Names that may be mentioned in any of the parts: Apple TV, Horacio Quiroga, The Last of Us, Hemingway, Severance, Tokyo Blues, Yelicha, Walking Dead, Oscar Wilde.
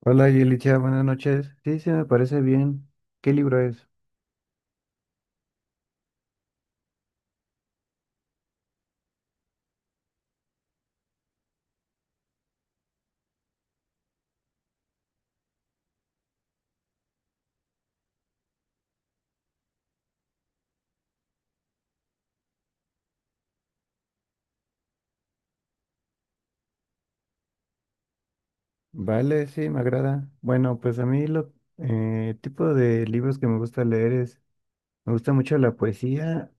Hola Yelicha, buenas noches. Sí, sí, me parece bien. ¿Qué libro es? Vale, sí, me agrada. Bueno, pues a mí lo tipo de libros que me gusta leer es, me gusta mucho la poesía,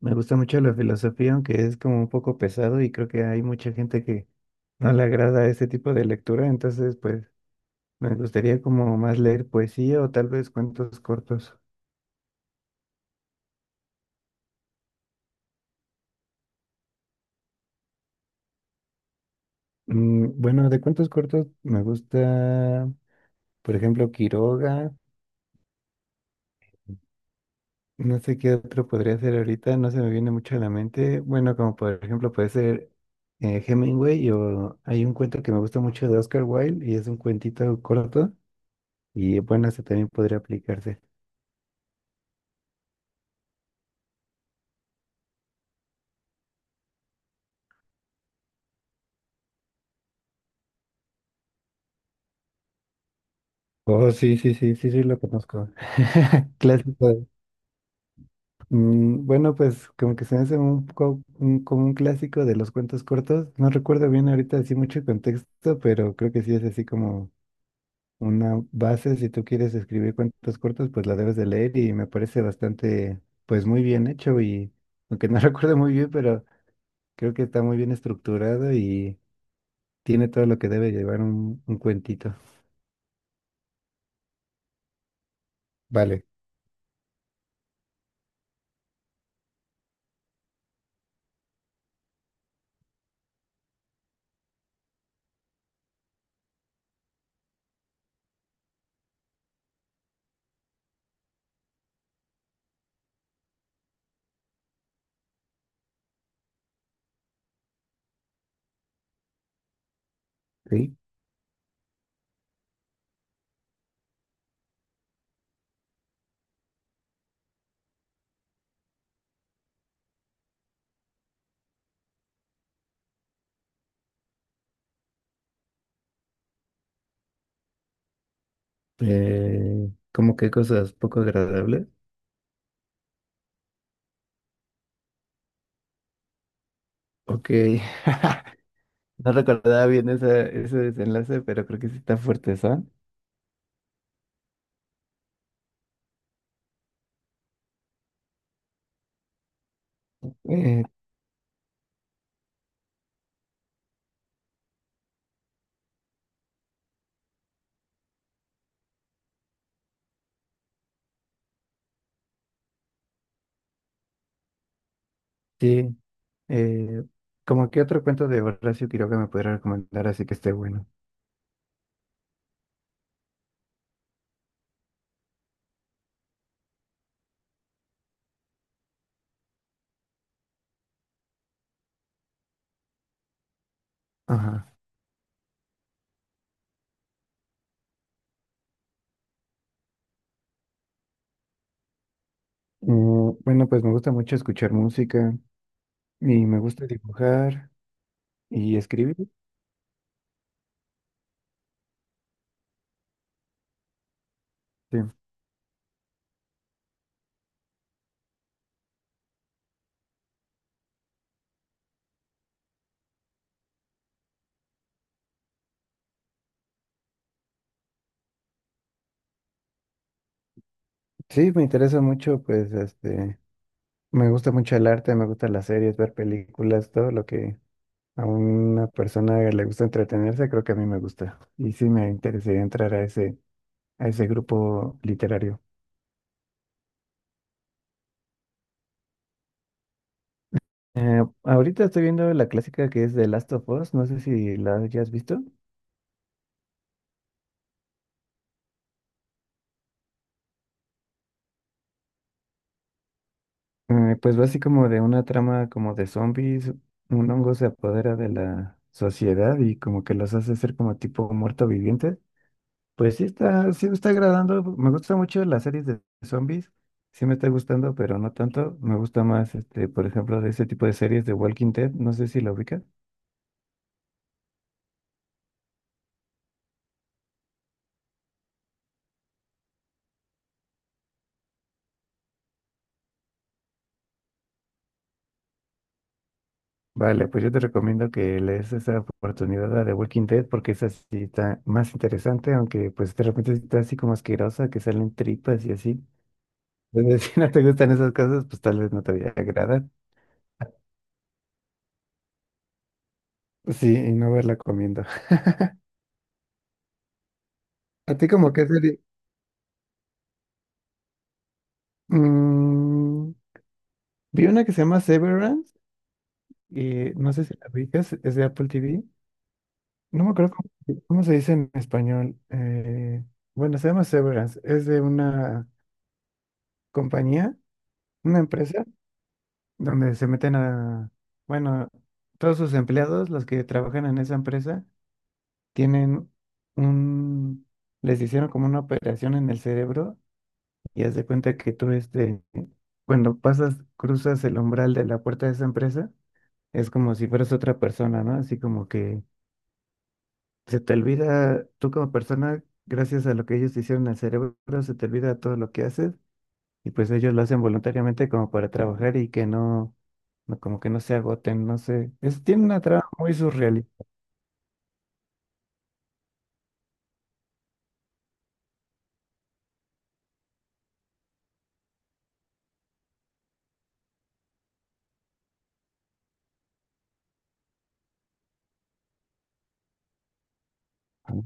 me gusta mucho la filosofía, aunque es como un poco pesado y creo que hay mucha gente que no le agrada este tipo de lectura, entonces pues me gustaría como más leer poesía o tal vez cuentos cortos. Bueno, de cuentos cortos me gusta, por ejemplo, Quiroga. No sé qué otro podría ser ahorita, no se me viene mucho a la mente. Bueno, como por ejemplo puede ser Hemingway, o hay un cuento que me gusta mucho de Oscar Wilde y es un cuentito corto y bueno, ese también podría aplicarse. Oh, sí, sí, sí, sí, sí, lo conozco. Clásico. Bueno, pues como que se me hace un poco como un clásico de los cuentos cortos. No recuerdo bien ahorita así mucho contexto, pero creo que sí es así como una base. Si tú quieres escribir cuentos cortos, pues la debes de leer y me parece bastante, pues, muy bien hecho y aunque no recuerdo muy bien, pero creo que está muy bien estructurado y tiene todo lo que debe llevar un cuentito. Vale, sí. ¿Cómo qué cosas poco agradables? Ok, no recordaba bien esa, ese desenlace, pero creo que sí está fuerte, ¿sabes? Eh, sí, eh, ¿cómo qué otro cuento de Horacio Quiroga me podría recomendar así que esté bueno? Ajá. Bueno, pues me gusta mucho escuchar música y me gusta dibujar y escribir. Sí, sí, me interesa mucho, pues, este, me gusta mucho el arte, me gustan las series, ver películas, todo lo que a una persona le gusta entretenerse, creo que a mí me gusta. Y sí me interesaría entrar a ese grupo literario. Ahorita estoy viendo la clásica que es The Last of Us, no sé si la hayas visto. Pues va así como de una trama como de zombies, un hongo se apodera de la sociedad y como que los hace ser como tipo muerto viviente. Pues sí está, sí me está agradando, me gustan mucho las series de zombies, sí me está gustando, pero no tanto, me gusta más, este, por ejemplo, de ese tipo de series de Walking Dead, no sé si la ubicas. Vale, pues yo te recomiendo que le des esa oportunidad a The Walking Dead, porque esa sí está más interesante, aunque pues de repente está así como asquerosa, que salen tripas y así. Es decir, si no te gustan esas cosas, pues tal vez no te agradan. Sí, y no verla comiendo. ¿A ti como qué serie? Mm, vi una que se llama Severance y no sé si la ubicas, es de Apple TV. No me acuerdo cómo se cómo se dice en español. Bueno, se llama Severance. Es de una compañía, una empresa, donde se meten a, bueno, todos sus empleados, los que trabajan en esa empresa, tienen un, les hicieron como una operación en el cerebro. Y haz de cuenta que tú, este, cuando pasas, cruzas el umbral de la puerta de esa empresa, es como si fueras otra persona, ¿no? Así como que se te olvida, tú como persona, gracias a lo que ellos te hicieron al cerebro, se te olvida todo lo que haces y pues ellos lo hacen voluntariamente como para trabajar y que no, no como que no se agoten, no sé. Es, tiene una trama muy surrealista. Ujú.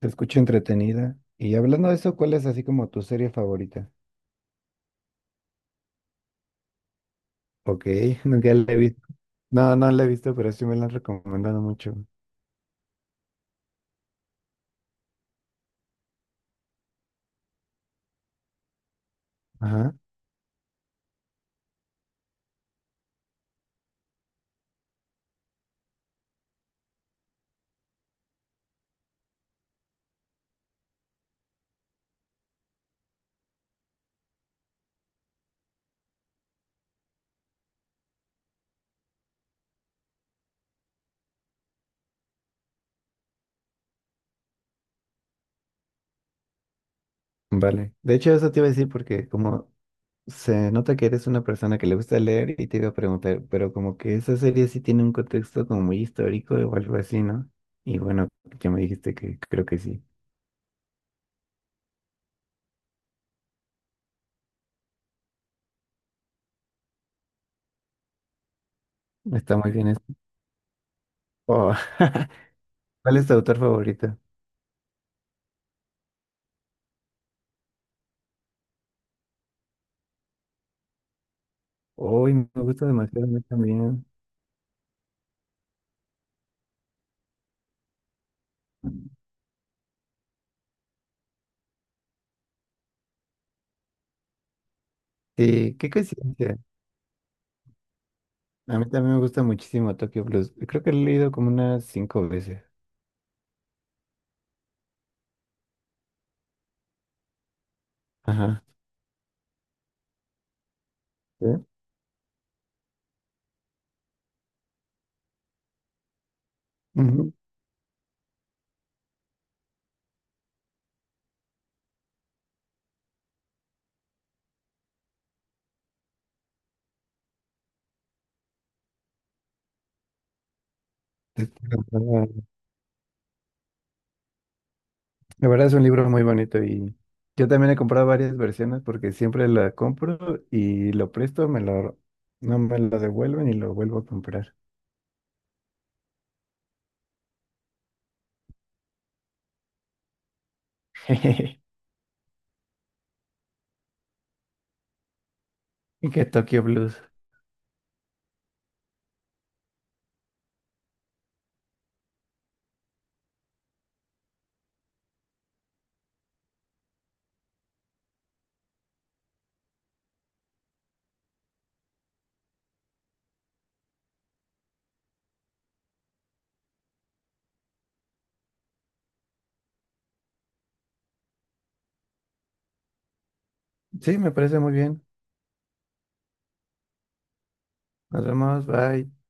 Te escucho entretenida. Y hablando de eso, ¿cuál es así como tu serie favorita? Ok, nunca la he visto. No, no la he visto, pero sí me la han recomendado mucho. Ajá, vale. De hecho, eso te iba a decir porque como se nota que eres una persona que le gusta leer y te iba a preguntar, pero como que esa serie sí tiene un contexto como muy histórico o algo así, ¿no? Y bueno, ya me dijiste que creo que sí. Está muy bien eso. Oh, ¿Cuál es tu autor favorito? Uy, me gusta demasiado a mí también. Sí, qué coincidencia. A mí también me gusta muchísimo Tokyo Blues. Creo que lo he leído como unas 5 veces. Ajá. ¿Sí? Ujú. Es, la verdad es un libro muy bonito y yo también he comprado varias versiones porque siempre la compro y lo presto, me lo, no me lo devuelven y lo vuelvo a comprar. Y que Tokyo Blues. Sí, me parece muy bien. Nos vemos, bye.